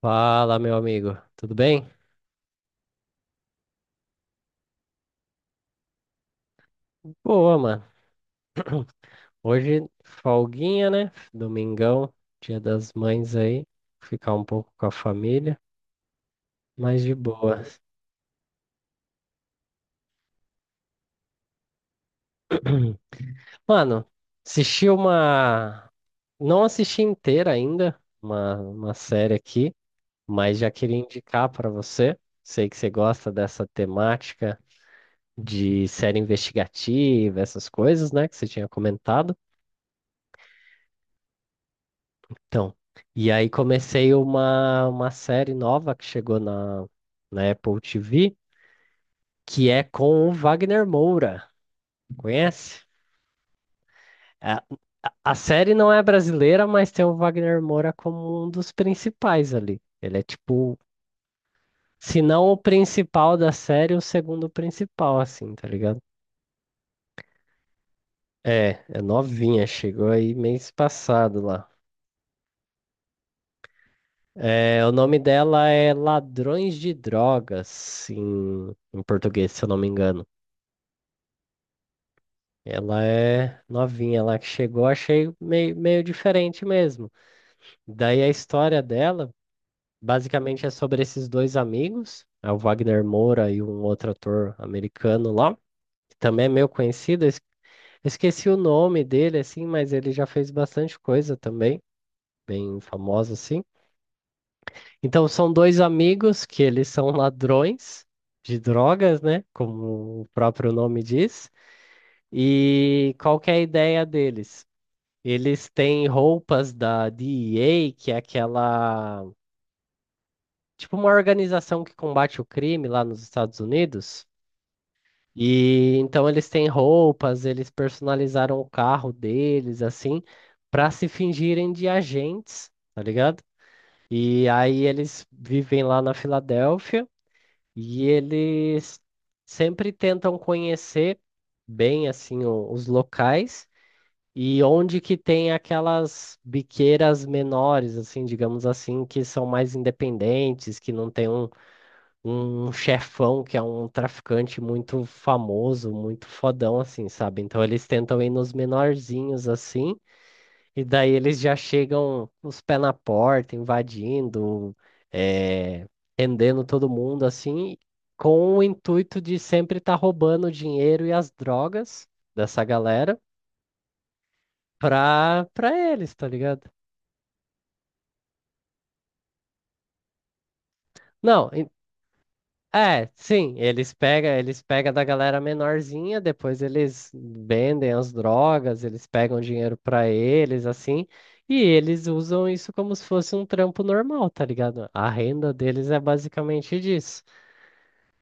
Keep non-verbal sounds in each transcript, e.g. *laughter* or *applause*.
Fala, meu amigo. Tudo bem? Boa, mano. Hoje, folguinha, né? Domingão, dia das mães aí. Ficar um pouco com a família, mas de boa. *clears throat* Mano, assisti uma. Não assisti inteira ainda, uma série aqui, mas já queria indicar pra você. Sei que você gosta dessa temática de série investigativa, essas coisas, né? Que você tinha comentado. Então, e aí comecei uma série nova que chegou na Apple TV, que é com o Wagner Moura. Conhece? A, a série não é brasileira, mas tem o Wagner Moura como um dos principais ali. Ele é tipo, se não o principal da série, o segundo principal, assim, tá ligado? É, é novinha, chegou aí mês passado lá. É, o nome dela é Ladrões de Drogas, em português, se eu não me engano. Ela é novinha, ela que chegou, achei meio, meio diferente mesmo. Daí a história dela, basicamente, é sobre esses dois amigos, é o Wagner Moura e um outro ator americano lá, que também é meio conhecido. Esqueci o nome dele, assim, mas ele já fez bastante coisa também, bem famoso, assim. Então, são dois amigos que eles são ladrões de drogas, né? Como o próprio nome diz. E qual que é a ideia deles? Eles têm roupas da DEA, que é aquela, tipo uma organização que combate o crime lá nos Estados Unidos. E então eles têm roupas, eles personalizaram o carro deles assim, para se fingirem de agentes, tá ligado? E aí eles vivem lá na Filadélfia e eles sempre tentam conhecer bem assim os locais e onde que tem aquelas biqueiras menores, assim, digamos assim, que são mais independentes, que não tem um chefão que é um traficante muito famoso, muito fodão, assim, sabe? Então eles tentam ir nos menorzinhos, assim, e daí eles já chegam os pés na porta, invadindo, eh, rendendo todo mundo, assim, com o intuito de sempre estar roubando o dinheiro e as drogas dessa galera pra eles, tá ligado? Não, é, sim, eles pegam, da galera menorzinha, depois eles vendem as drogas, eles pegam dinheiro pra eles, assim, e eles usam isso como se fosse um trampo normal, tá ligado? A renda deles é basicamente disso.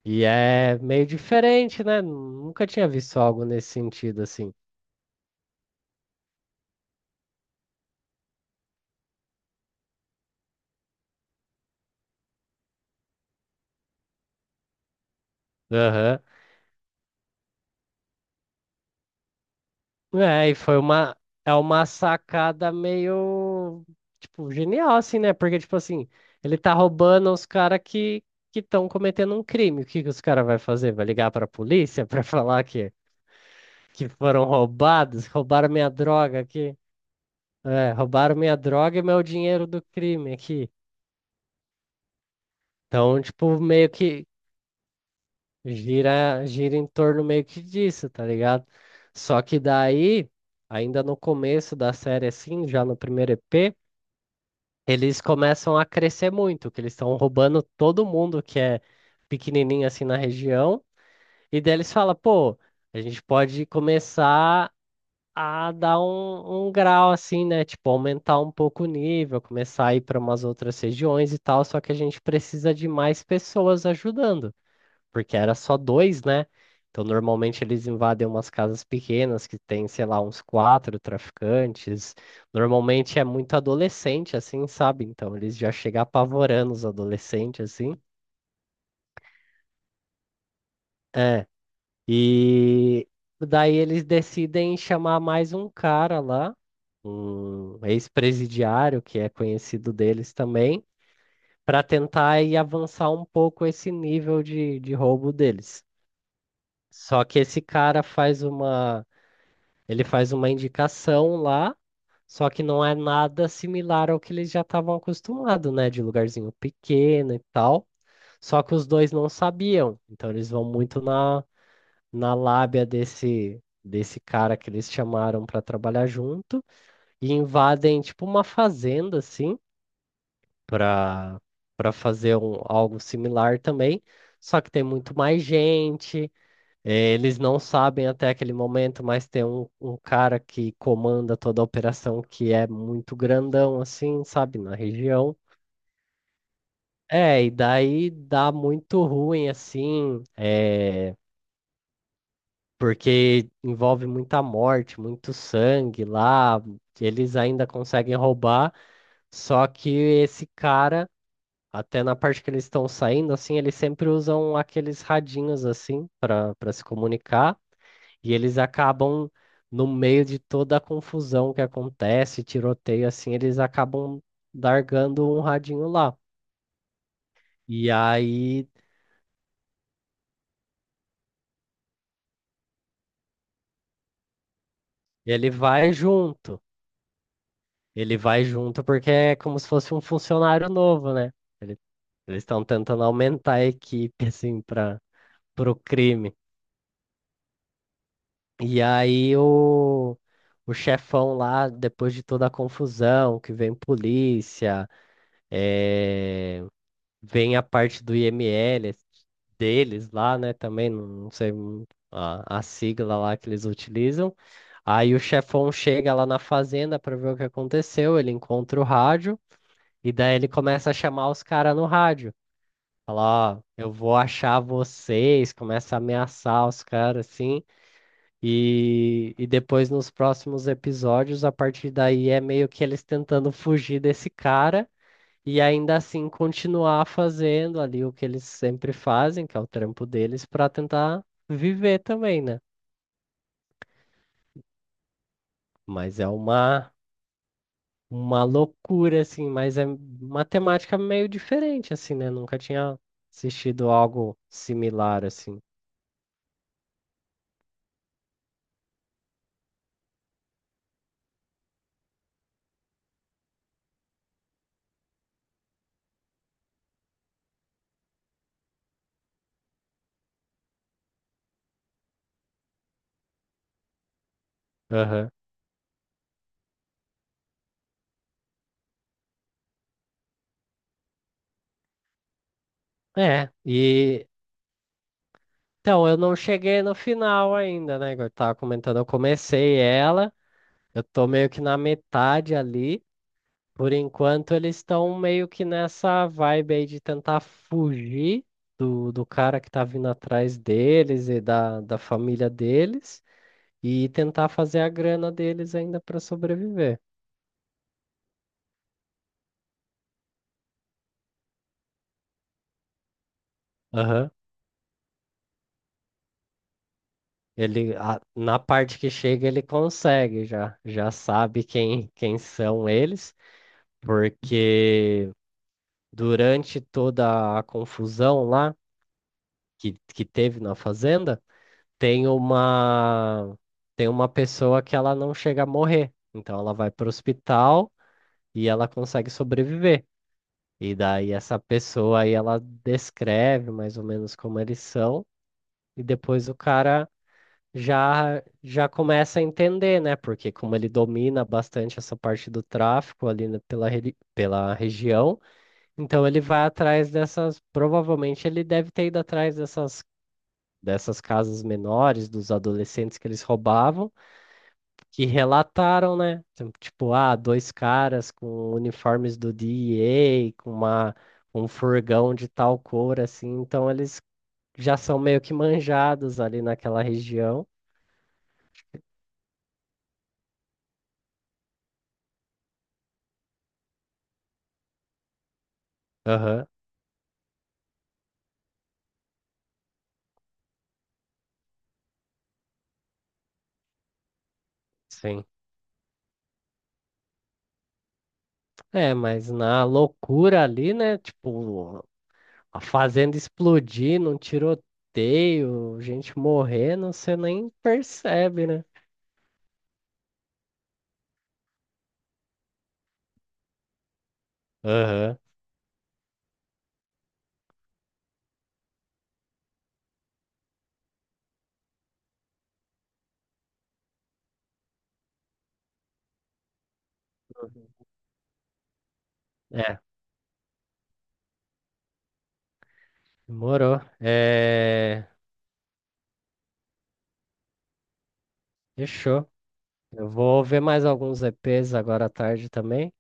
E é meio diferente, né? Nunca tinha visto algo nesse sentido, assim. Aham. É, e é uma sacada meio, tipo, genial, assim, né? Porque, tipo assim, ele tá roubando os caras que estão cometendo um crime. O que que os caras vai fazer? Vai ligar pra polícia pra *laughs* falar que foram roubados? Roubaram minha droga aqui. É, roubaram minha droga e meu dinheiro do crime aqui. Então, tipo, meio que gira em torno meio que disso, tá ligado? Só que daí, ainda no começo da série, assim, já no primeiro EP, eles começam a crescer muito, que eles estão roubando todo mundo que é pequenininho assim na região, e daí eles falam, pô, a gente pode começar a dar um grau assim, né? Tipo, aumentar um pouco o nível, começar a ir para umas outras regiões e tal, só que a gente precisa de mais pessoas ajudando porque era só dois, né? Então, normalmente eles invadem umas casas pequenas que tem, sei lá, uns quatro traficantes. Normalmente é muito adolescente, assim, sabe? Então, eles já chegam apavorando os adolescentes, assim. É. E daí eles decidem chamar mais um cara lá, um ex-presidiário, que é conhecido deles também, para tentar ir avançar um pouco esse nível de roubo deles. Só que esse cara faz uma ele faz uma indicação lá, só que não é nada similar ao que eles já estavam acostumados, né? De lugarzinho pequeno e tal. Só que os dois não sabiam. Então eles vão muito na lábia desse cara que eles chamaram para trabalhar junto e invadem tipo uma fazenda, assim, para fazer algo similar também. Só que tem muito mais gente, é, eles não sabem até aquele momento, mas tem um cara que comanda toda a operação que é muito grandão, assim, sabe, na região. É, e daí dá muito ruim, assim, é, porque envolve muita morte, muito sangue lá. Eles ainda conseguem roubar, só que esse cara até na parte que eles estão saindo, assim, eles sempre usam aqueles radinhos, assim, para se comunicar. E eles acabam, no meio de toda a confusão que acontece, tiroteio, assim, eles acabam largando um radinho lá. E aí ele vai junto. Ele vai junto porque é como se fosse um funcionário novo, né? Ele- Eles estão tentando aumentar a equipe, *laughs* assim, para o crime. E aí o chefão lá, depois de toda a confusão, que vem polícia, eh, vem a parte do IML deles lá, né? Também, não sei a sigla lá que eles utilizam. Aí o chefão chega lá na fazenda para ver o que aconteceu, ele encontra o rádio e daí ele começa a chamar os caras no rádio. Fala, ó, eu vou achar vocês, começa a ameaçar os caras assim. E depois nos próximos episódios, a partir daí é meio que eles tentando fugir desse cara e ainda assim continuar fazendo ali o que eles sempre fazem, que é o trampo deles, para tentar viver também, né? Mas é uma loucura assim, mas é uma temática meio diferente assim, né? Nunca tinha assistido algo similar assim. Aham. É, e então eu não cheguei no final ainda, né? Igual eu tava comentando, eu comecei ela Eu tô meio que na metade ali. Por enquanto, eles estão meio que nessa vibe aí de tentar fugir do cara que tá vindo atrás deles e da família deles e tentar fazer a grana deles ainda para sobreviver. Aham. Na parte que chega, ele consegue já, sabe quem são eles, porque durante toda a confusão lá que teve na fazenda. Tem uma pessoa que ela não chega a morrer. Então ela vai para o hospital e ela consegue sobreviver. E daí essa pessoa aí ela descreve mais ou menos como eles são e depois o cara já começa a entender, né? Porque como ele domina bastante essa parte do tráfico ali pela região, então ele vai atrás dessas, provavelmente ele deve ter ido atrás dessas casas menores, dos adolescentes que eles roubavam que relataram, né? Então, tipo, ah, dois caras com uniformes do DEA, com um furgão de tal cor, assim. Então, eles já são meio que manjados ali naquela região. Aham, sim. É, mas na loucura ali, né? Tipo, a fazenda explodindo, um tiroteio, gente morrendo, você nem percebe, né? Aham. É, demorou. É. Fechou. Eu vou ver mais alguns EPs agora à tarde também.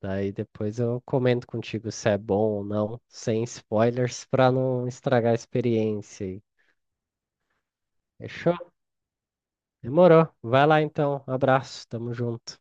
Daí depois eu comento contigo se é bom ou não, sem spoilers, pra não estragar a experiência aí. Fechou? Demorou. Vai lá então. Abraço. Tamo junto.